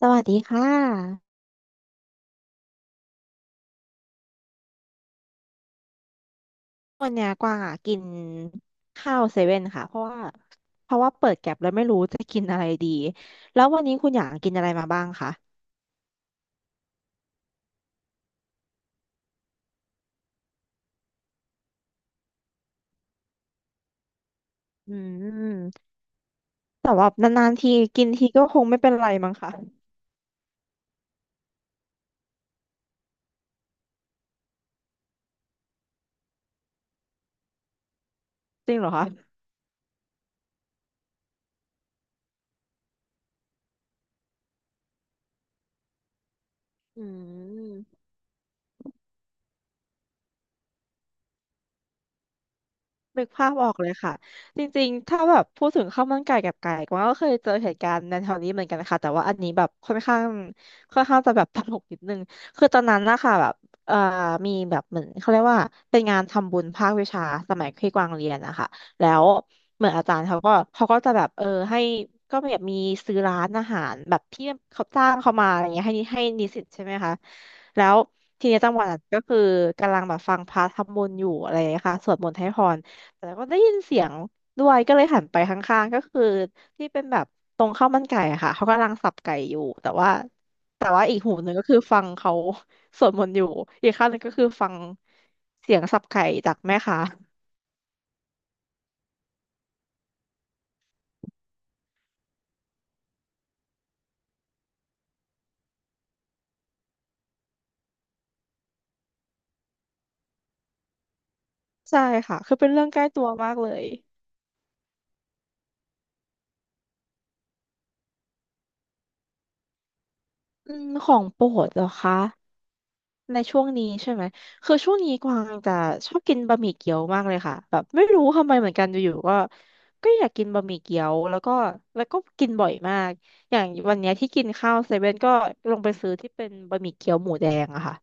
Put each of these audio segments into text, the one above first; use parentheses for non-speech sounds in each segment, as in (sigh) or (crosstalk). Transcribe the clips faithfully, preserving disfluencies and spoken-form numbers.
สวัสดีค่ะวันเนี้ยกวางอ่ะกินข้าวเซเว่นค่ะเพราะว่าเพราะว่าเปิดแก็บแล้วไม่รู้จะกินอะไรดีแล้ววันนี้คุณอยากกินอะไรมาบ้างคะอืมแต่ว่านานๆทีกินทีก็คงไม่เป็นไรมั้งค่ะจริงเหรอคะอืม นึกภาพออกเลยค่ะจริงๆถ้าแบบพูดถึงข้าวมันไก่กับไก่กวางก็เคยเจอเหตุการณ์ในแถวนี้เหมือนกันค่ะแต่ว่าอันนี้แบบค่อนข้างค่อนข้างจะแบบตลกนิดนึงคือตอนนั้นนะคะแบบเอ่อมีแบบเหมือนเขาเรียกว่าเป็นงานทำบุญภาควิชาสมัยที่กวางเรียนนะคะแล้วเหมือนอาจารย์เขาก็เขาก็จะแบบเออให้ก็แบบมีซื้อร้านอาหารแบบที่เขาจ้างเขามาอะไรเงี้ยให้นิให้นิสิตใช่ไหมคะแล้วทีนี้จังหวะนั้นก็คือกำลังแบบฟังพระทำบุญอยู่อะไรนะคะสวดมนต์ให้พร แต่ก็ได้ยินเสียงด้วยก็เลยหันไปข้างๆก็คือที่เป็นแบบตรงข้าวมันไก่อะค่ะเขากำลังสับไก่อยู่แต่ว่าแต่ว่าอีกหูหนึ่งก็คือฟังเขาสวดมนต์อยู่อีกข้างหนึ่งก็คือฟังเสียงสับไก่จากแม่ค้าใช่ค่ะคือเป็นเรื่องใกล้ตัวมากเลยอืมของโปรดเหรอคะ ในช่วงนี้ใช่ไหม คือช่วงนี้กวางจะชอบกินบะหมี่เกี๊ยวมากเลยค่ะแบบไม่รู้ทำไมเหมือนกันอยู่ๆก็ก็อยากกินบะหมี่เกี๊ยวแล้วก็แล้วก็กินบ่อยมากอย่างวันเนี้ยที่กินข้าวเซเว่นก็ลงไปซื้อที่เป็นบะหมี่เกี๊ยวหมูแดงอะค่ะ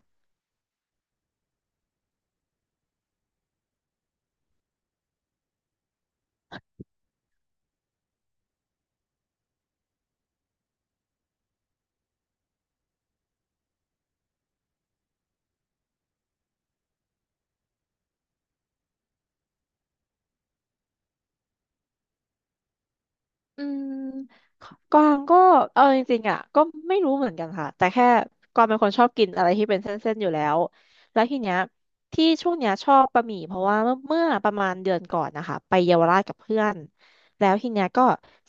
อืมกวางก็เอาจริงๆอ่ะก็ไม่รู้เหมือนกันค่ะแต่แค่กวางเป็นคนชอบกินอะไรที่เป็นเส้นๆอยู่แล้วแล้วทีเนี้ยที่ช่วงเนี้ยชอบบะหมี่เพราะว่าเมื่อเมื่อประมาณเดือนก่อนนะคะไปเยาวราชกับเพื่อนแล้วทีเนี้ยก็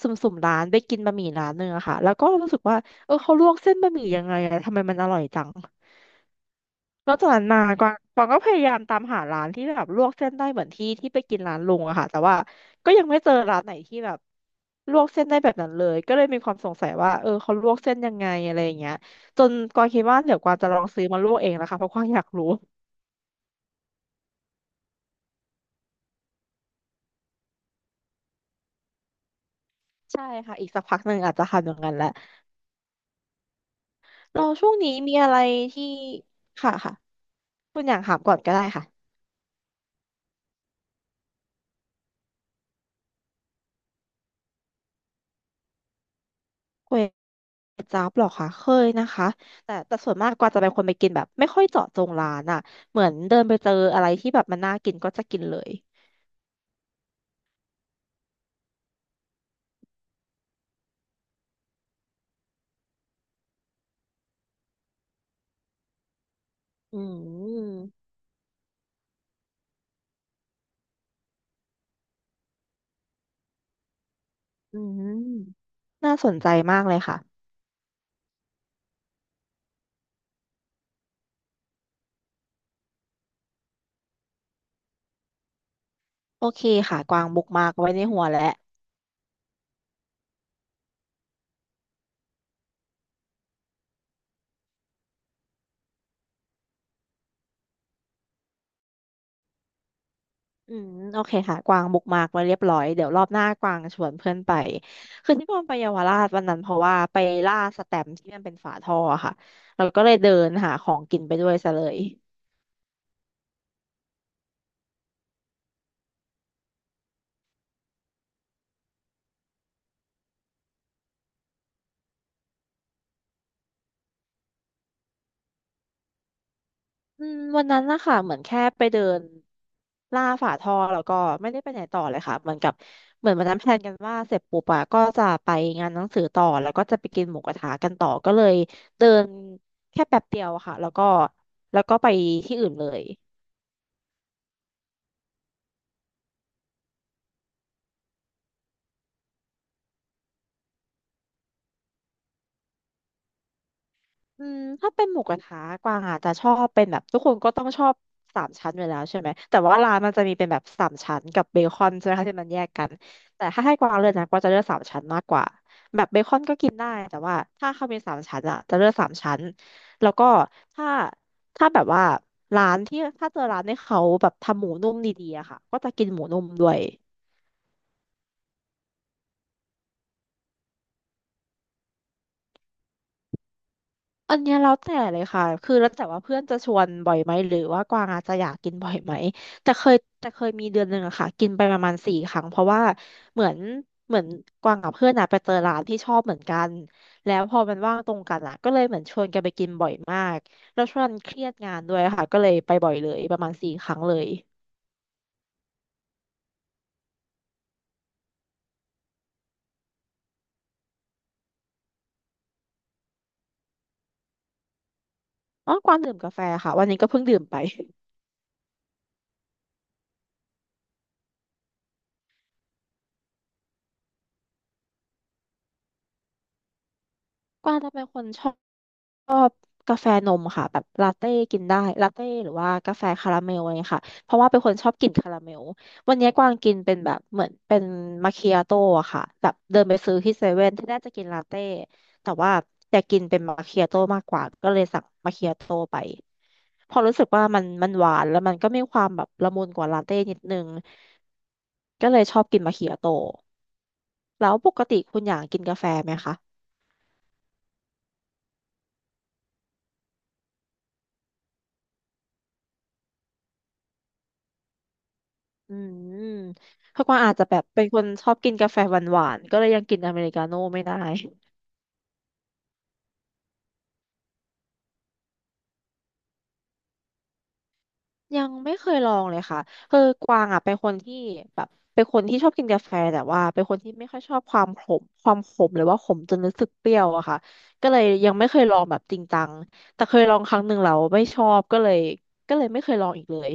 สุ่มๆร้านไปกินบะหมี่ร้านหนึ่งอะค่ะแล้วก็รู้สึกว่าเออเขาลวกเส้นบะหมี่ยังไงอะทำไมมันอร่อยจัง แล้วจากนั้นมากวางกวางก็พยายามตามหาร้านที่แบบลวกเส้นได้เหมือนที่ที่ไปกินร้านลุงอะค่ะแต่ว่าก็ยังไม่เจอร้านไหนที่แบบลวกเส้นได้แบบนั้นเลยก็เลยมีความสงสัยว่าเออเขาลวกเส้นยังไงอะไรอย่างเงี้ยจนกวางคิดว่าเดี๋ยวกวางจะลองซื้อมาลวกเองนะคะเพราะกวางอยากรู้ใช่ค่ะอีกสักพักหนึ่งอาจจะทำอย่างนั้นแหละเราช่วงนี้มีอะไรที่ค่ะค่ะคุณอยากถามก่อนก็ได้ค่ะ จ๊าบหรอคะเคยนะคะแต่แต่ส่วนมากกว่าจะเป็นคนไปกินแบบไม่ค่อยเจาะจงร้านอ่ะเหมือนเดินไปเจออะไรที่แบบมันน่ากินก็จะกินเลยอืมอืมน่าสนใจมากเลยค่ะโอเคค่ะกวางบุกมากไว้ในหัวแล้วอืมโอเคค่ะกวางบุกมากไว้เรียบร้อยเดี๋ยวรอบหน้ากวางชวนเพื่อนไปคือที่กวางไปเยาวราชวันนั้นเพราะว่าไปล่าสแตมป์ที่มันเป็นฝาท่ออะค่ะเราก็เลยเดินหาของกินไปด้วยซะเลย อืมวันนั้นนะคะเหมือนแค่ไปเดินล่าฝาท่อแล้วก็ไม่ได้ไปไหนต่อเลยค่ะเหมือนกับเหมือนวันนั้นแพลนกันว่าเสร็จปุ๊บอะก็จะไปงานหนังสือต่อแล้วก็จะไปกินหมูกระทะกันต่อก็เลยเดินแค่แป๊บเดียวอะค่ะแล้วก็แล้วก็ไปที่อื่นเลยอืมถ้าเป็นหมูกระทะกวางอาจจะชอบเป็นแบบทุกคนก็ต้องชอบสามชั้นอยู่แล้วใช่ไหมแต่ว่าร้านมันจะมีเป็นแบบสามชั้นกับเบคอนใช่ไหมคะที่มันแยกกันแต่ถ้าให้กวางเลือกนะกวางจะเลือกสามชั้นมากกว่า กินได้แต่ว่าถ้าข้าวเป็นสามชั้นอะจะเลือกสามชั้นแล้วก็ถ้าถ้าแบบว่าร้านที่ถ้าเจอร้านที่เขาแบบทำหมูนุ่มดีๆอะค่ะก็จะกินหมูนุ่มด้วย อันเนี้ยแล้วแต่เลยค่ะคือแล้วแต่ว่าเพื่อนจะชวนบ่อยไหมหรือว่ากวางอาจจะอยากกินบ่อยไหมแต่เคยแต่เคยมีเดือนหนึ่งอะค่ะกินไปประมาณสี่ครั้งเพราะว่าเหมือนเหมือนกวางกับเพื่อนอะไปเจอร้านที่ชอบเหมือนกันแล้วพอมันว่างตรงกันอะก็เลยเหมือนชวนกันไปกินบ่อยมากแล้วช่วงนั้นเครียดงานด้วยค่ะก็เลยไปบ่อยเลยประมาณสี่ครั้งเลยอ๋อกวางดื่มกาแฟค่ะวันนี้ก็เพิ่งดื่มไปกวางจะเป็นคนชอบ ชอบกาแฟนมค่ะแบบลาเต้กินได้ลาเต้หรือว่ากาแฟคาราเมลอะไรเงี้ยค่ะเพราะว่าเป็นคนชอบกินคาราเมลวันนี้กวางกินเป็นแบบเหมือนเป็นมาคิอาโต้อะค่ะแบบเดินไปซื้อที่เซเว่นที่แรกจะกินลาเต้แต่ว่าอยากกินเป็นมาคิอาโต้มากกว่าก็เลยสั่งมาคิอาโต้ไปพอรู้สึกว่ามันมันหวานแล้วมันก็มีความแบบละมุนกว่าลาเต้นิดนึงก็เลยชอบกินมาคิอาโต้แล้วปกติคุณอยากกินกาแฟไหมคะ อืมเพราะกวางอาจจะแบบเป็นคนชอบกินกาแฟหวานๆก็เลยยังกินอเมริกาโน่ไม่ได้ (laughs) ยังไม่เคยลองเลยค่ะคือกวางอ่ะเป็นคนที่แบบเป็นคนที่ชอบกินกาแฟแต่ว่าเป็นคนที่ไม่ค่อยชอบความขมความขมหรือว่าขมจนรู้สึกเปรี้ยวอะค่ะก็เลยยังไม่เคยลองแบบจริงจังแต่เคยลองครั้งหนึ่งแล้วไม่ชอบก็เลยก็เลยไม่เคยลองอีกเลย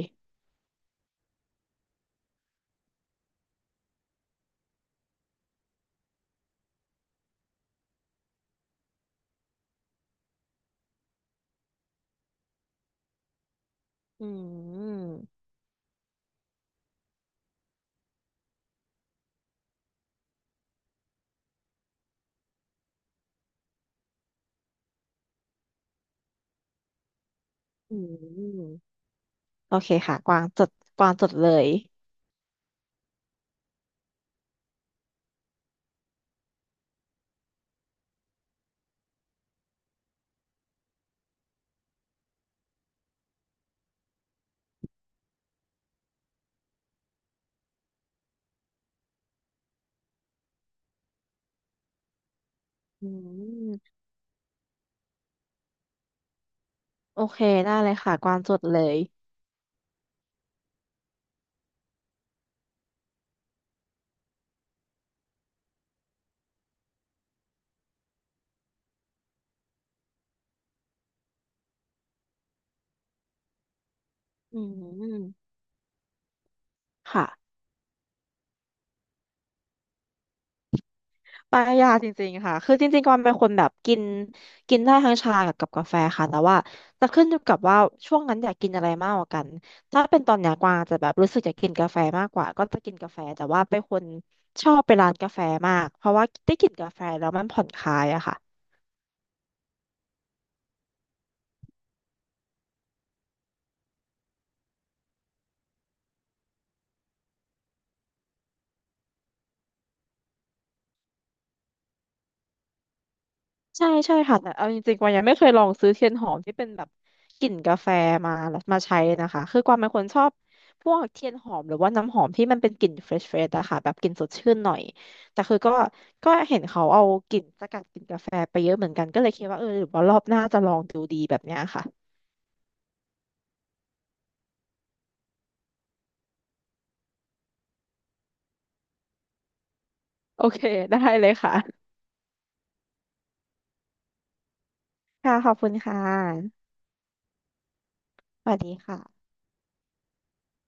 อืมอืมโอเคค่ะกวางจดกวางจดเลยอืมโอเคได้เลยค่ะกวางจดเลย อืมค่ะปลายาจริงๆค่ะคือจริงๆก่อนเป็นคนแบบกินกินได้ทั้งชากับกับกาแฟค่ะแต่ว่าจะขึ้นอยู่กับว่าช่วงนั้นอยากกินอะไรมากกว่ากันถ้าเป็นตอนเนี้ยกวางจะแบบรู้สึกอยากกินกาแฟมากกว่าก็จะกินกาแฟแต่ว่าเป็นคนชอบไปร้านกาแฟมากเพราะว่าได้กลินกาแฟแล้วมันผ่อนคลายอะค่ะ ใช่ใช่ค่ะแต่เอาจริงๆกวางยังไม่เคยลองซื้อเทียนหอมที่เป็นแบบกลิ่นกาแฟมามาใช้นะคะคือกวางเป็นคนชอบพวกเทียนหอมหรือว่าน้ำหอมที่มันเป็นกลิ่นเฟรชเฟรชอะค่ะแบบกลิ่นสดชื่นหน่อยแต่คือก็ก็เห็นเขาเอากลิ่นสกัดกลิ่นกาแฟไปเยอะเหมือนกันก็เลยคิดว่าเออหรือว่ารอบหน้าจะลองดูดีแบบเนี้ยค่ะโอเคได้เลยค่ะค่ะขอบคุณค่ะสวัสดีค่ะ